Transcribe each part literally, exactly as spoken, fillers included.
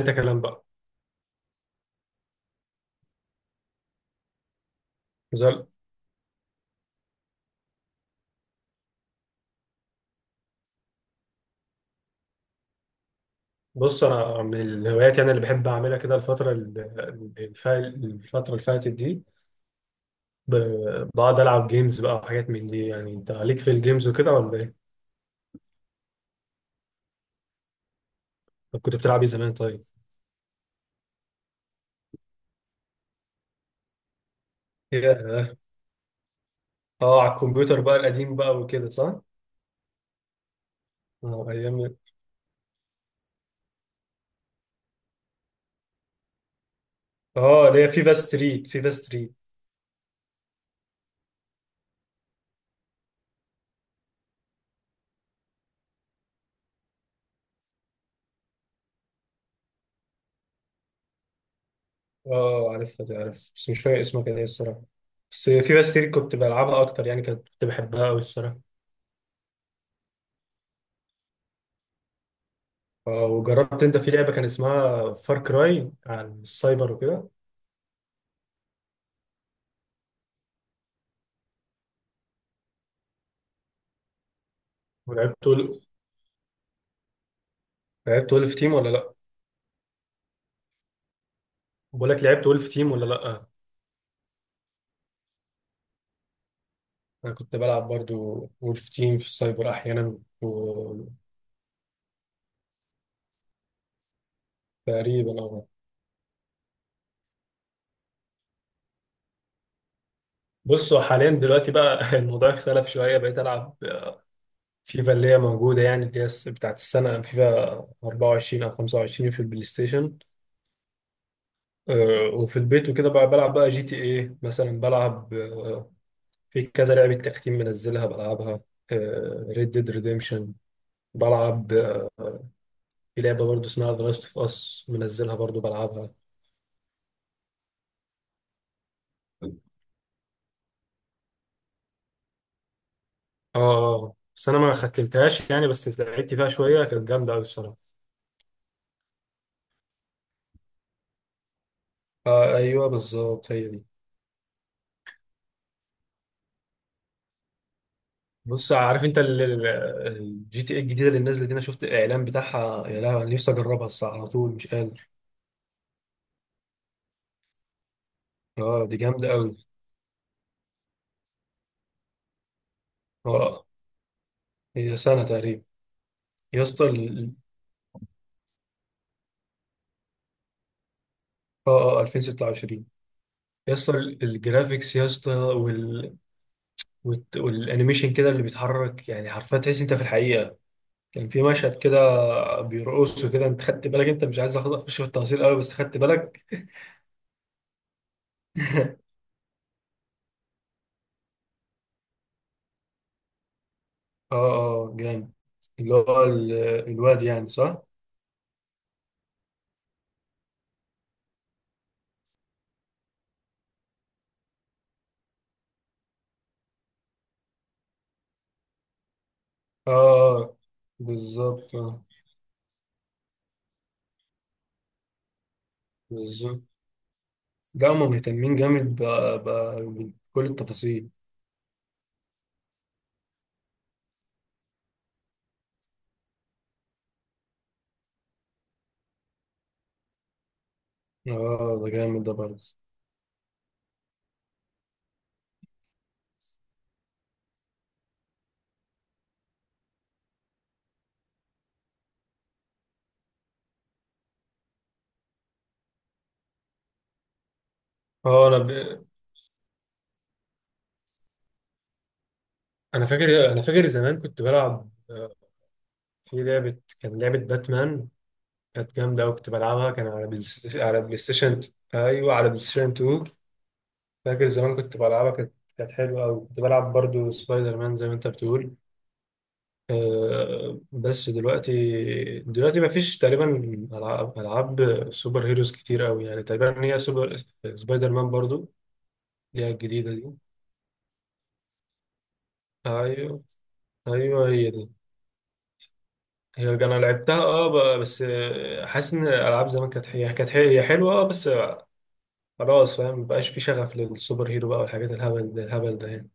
انت كلام بقى زل. بص، انا من الهوايات يعني اللي بحب اعملها كده الفتره ال- الف- الفتره اللي فاتت دي ب- بقعد العب جيمز بقى وحاجات من دي. يعني انت عليك في الجيمز وكده ولا ايه؟ طب كنت بتلعب ايه زمان طيب؟ ياه. اه، على الكمبيوتر بقى القديم بقى وكده، صح؟ اه ايام. اه، اللي هي فيفا ستريت، فيفا ستريت. اه عارفها دي، عارف، بس مش فاكر اسمها كان ايه الصراحه. بس فيفا ستريت كنت بلعبها اكتر يعني، كانت كنت بحبها قوي الصراحه. آه، وجربت انت في لعبه كان اسمها فار كراي عن السايبر وكده؟ ولعبت ول- لعبت ولف تيم ولا لا؟ بقول لك، لعبت ولف تيم ولا لا؟ انا كنت بلعب برضو ولف تيم في السايبر احيانا و- تقريبا اه. بصوا حاليا دلوقتي بقى الموضوع اختلف شويه، بقيت العب فيفا اللي هي موجوده، يعني اللي هي الس- بتاعت السنه، فيفا أربعة وعشرين او خمسة وعشرين في البلاي ستيشن. آه، وفي البيت وكده بقى بلعب بقى جي تي ايه مثلا، بلعب آه، في كذا لعبة تختيم منزلها بلعبها، ريد ديد ريديمشن. بلعب آه، في لعبة برضو اسمها ذا لاست اوف اس منزلها برضو بلعبها. اه اه، بس انا ما ختمتهاش يعني، بس لعبت فيها شوية، كانت جامدة قوي الصراحة. آه ايوه بالظبط، هي دي. بص، عارف انت الجي تي اي الجديدة اللي نازلة دي؟ انا شفت الاعلان بتاعها، يا لهوي، انا نفسي اجربها الصراحة، على طول مش قادر. اه دي جامدة قوي. اه، هي سنة تقريبا. يا اسطى ال- اه اه، ألفين وستة وعشرين. يا اسطى الجرافيكس، يا اسطى. والت- والانيميشن كده اللي بيتحرك، يعني حرفيا تحس انت في الحقيقه. كان في مشهد كده بيرقصوا كده، انت خدت بالك؟ انت مش عايز أخد- اخش في التفاصيل قوي، بس خدت بالك. اه اه جامد. اللي هو ال- الواد يعني، صح؟ اه. آه، بالظبط اه، بالظبط. ده هما مهتمين جامد ب- ب- بكل التفاصيل. اه آه، ده جامد ده برضه. اه، انا ب... انا فاكر، انا فاكر زمان كنت بلعب آه، في لعبة، كان لعبة باتمان، كانت جامدة أوي كنت بلعبها، كان على بلاي ست- على بلاي ستيشن. أيوه، على بلاي ستيشن اتنين. فاكر زمان كنت بلعبها، كانت كانت حلوة أوي. كنت بلعب برضو سبايدر مان زي ما أنت بتقول. أه بس دلوقتي دلوقتي مفيش تقريبا ألعاب ألعاب سوبر هيروز كتير أوي، يعني تقريبا هي سوبر، سبايدر مان برضو. اللي هي الجديدة دي. أيوه أيوه، هي دي. هي أنا لعبتها أه. ب- بس آه، حاسس إن الألعاب زمان كانت، هي كانت هي هي حلوة أه، بس خلاص، فاهم، مبقاش في شغف للسوبر هيرو بقى والحاجات الهبل الهبل ده يعني.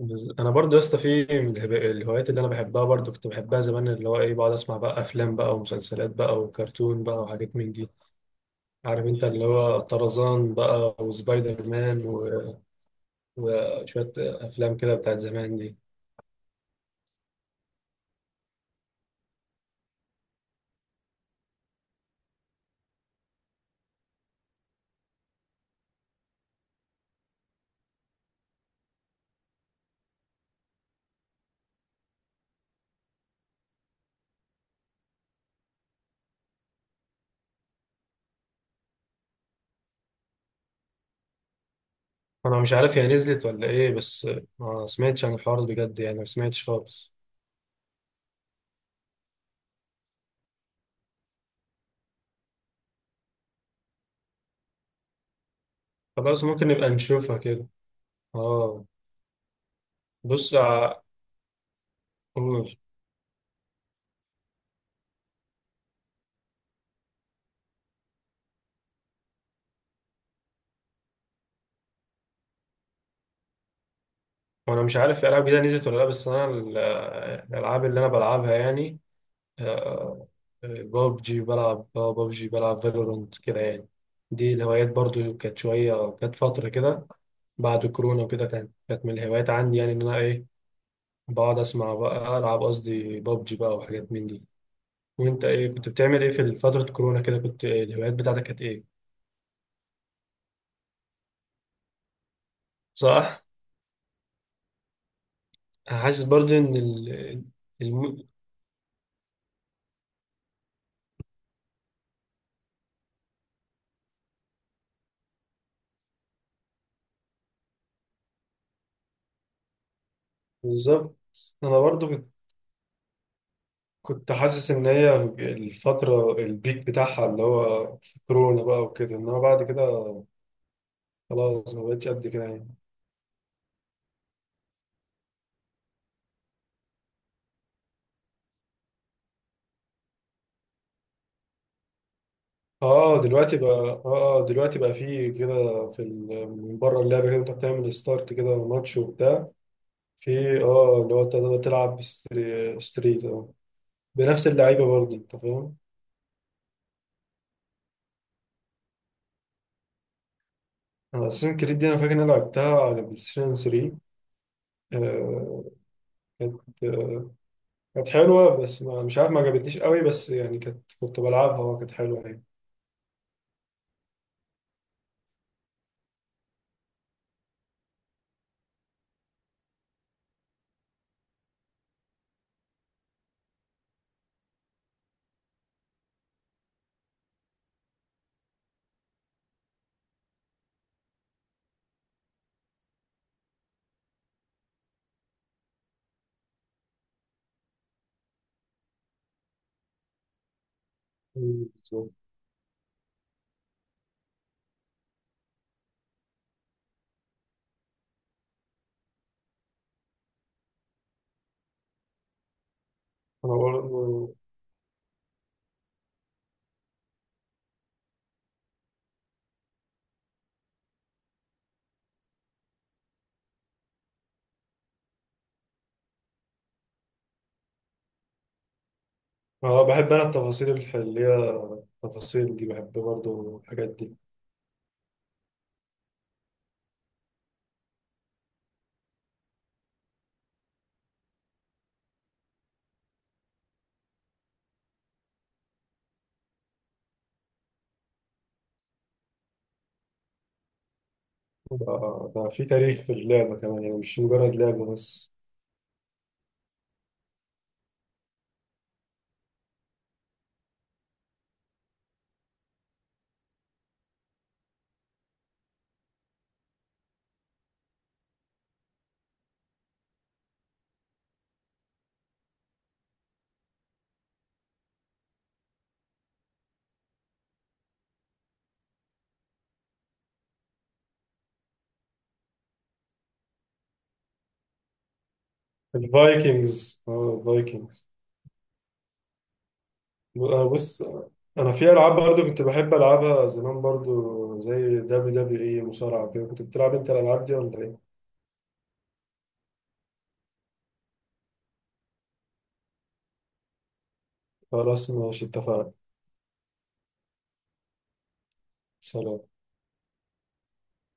بز- انا برضو يا اسطى، في من الهب- الهوايات اللي انا بحبها برضو كنت بحبها زمان، اللي هو ايه، بقعد اسمع بقى افلام بقى ومسلسلات بقى وكرتون بقى وحاجات من دي. عارف انت، اللي هو طرزان بقى وسبايدر مان و... وشوية افلام كده بتاعت زمان دي. انا مش عارف هي نزلت ولا ايه، بس ما سمعتش عن الحوار ده بجد يعني، ما سمعتش خالص. خلاص، ممكن نبقى نشوفها كده. اه. بص ع- قول. وانا مش عارف الالعاب جديده نزلت ولا لا، بس انا ال- الالعاب اللي انا بلعبها يعني ببجي، بلعب ببجي، بلعب فالورنت كده يعني. دي الهوايات برضو كانت شويه، كانت فتره كده بعد كورونا وكده، كانت كانت من الهوايات عندي، يعني ان انا ايه، بقعد اسمع بقى، العب قصدي ببجي بقى وحاجات من دي. وانت ايه كنت بتعمل ايه في فتره كورونا كده؟ كنت إيه الهوايات بتاعتك، كانت ايه؟ صح. حاسس برضو ان ال... الم... بالظبط. انا برضو كنت حاسس ان هي الفترة البيك بتاعها اللي هو في كورونا بقى وكده، انما بعد كده خلاص، ما بقتش قد كده يعني. اه دلوقتي بقى اه. آه، دلوقتي بقى في كده، في ال- من بره اللعبة كده انت بتعمل ستارت كده ماتش وبتاع. في اه، اللي هو تقدر تلعب ستري- ستريت اه، بنفس اللعيبة برضه، انت فاهم. انا اساسن كريد دي، انا فاكر ان انا لعبتها على بلاي ستيشن تلاتة. آه، كانت آه، كانت حلوة، بس ما- مش عارف، ما عجبتنيش قوي بس، يعني كانت كنت بلعبها وكانت حلوة يعني. مم، بالظبط. انا برضه. أنا بحب انا التفاصيل الح- اللي هي التفاصيل دي، بحب برضه الحاجات دي. ده ده في تاريخ في اللعبة كمان يعني، مش مجرد لعبة بس. الفايكنجز اه، الفايكنجز. آه، بص، انا في العاب برضه كنت بحب العبها زمان برضه زي دبليو دبليو اي، مصارعة كده، كنت بتلعب انت الالعاب دي ولا ايه؟ خلاص ماشي، اتفقنا. سلام.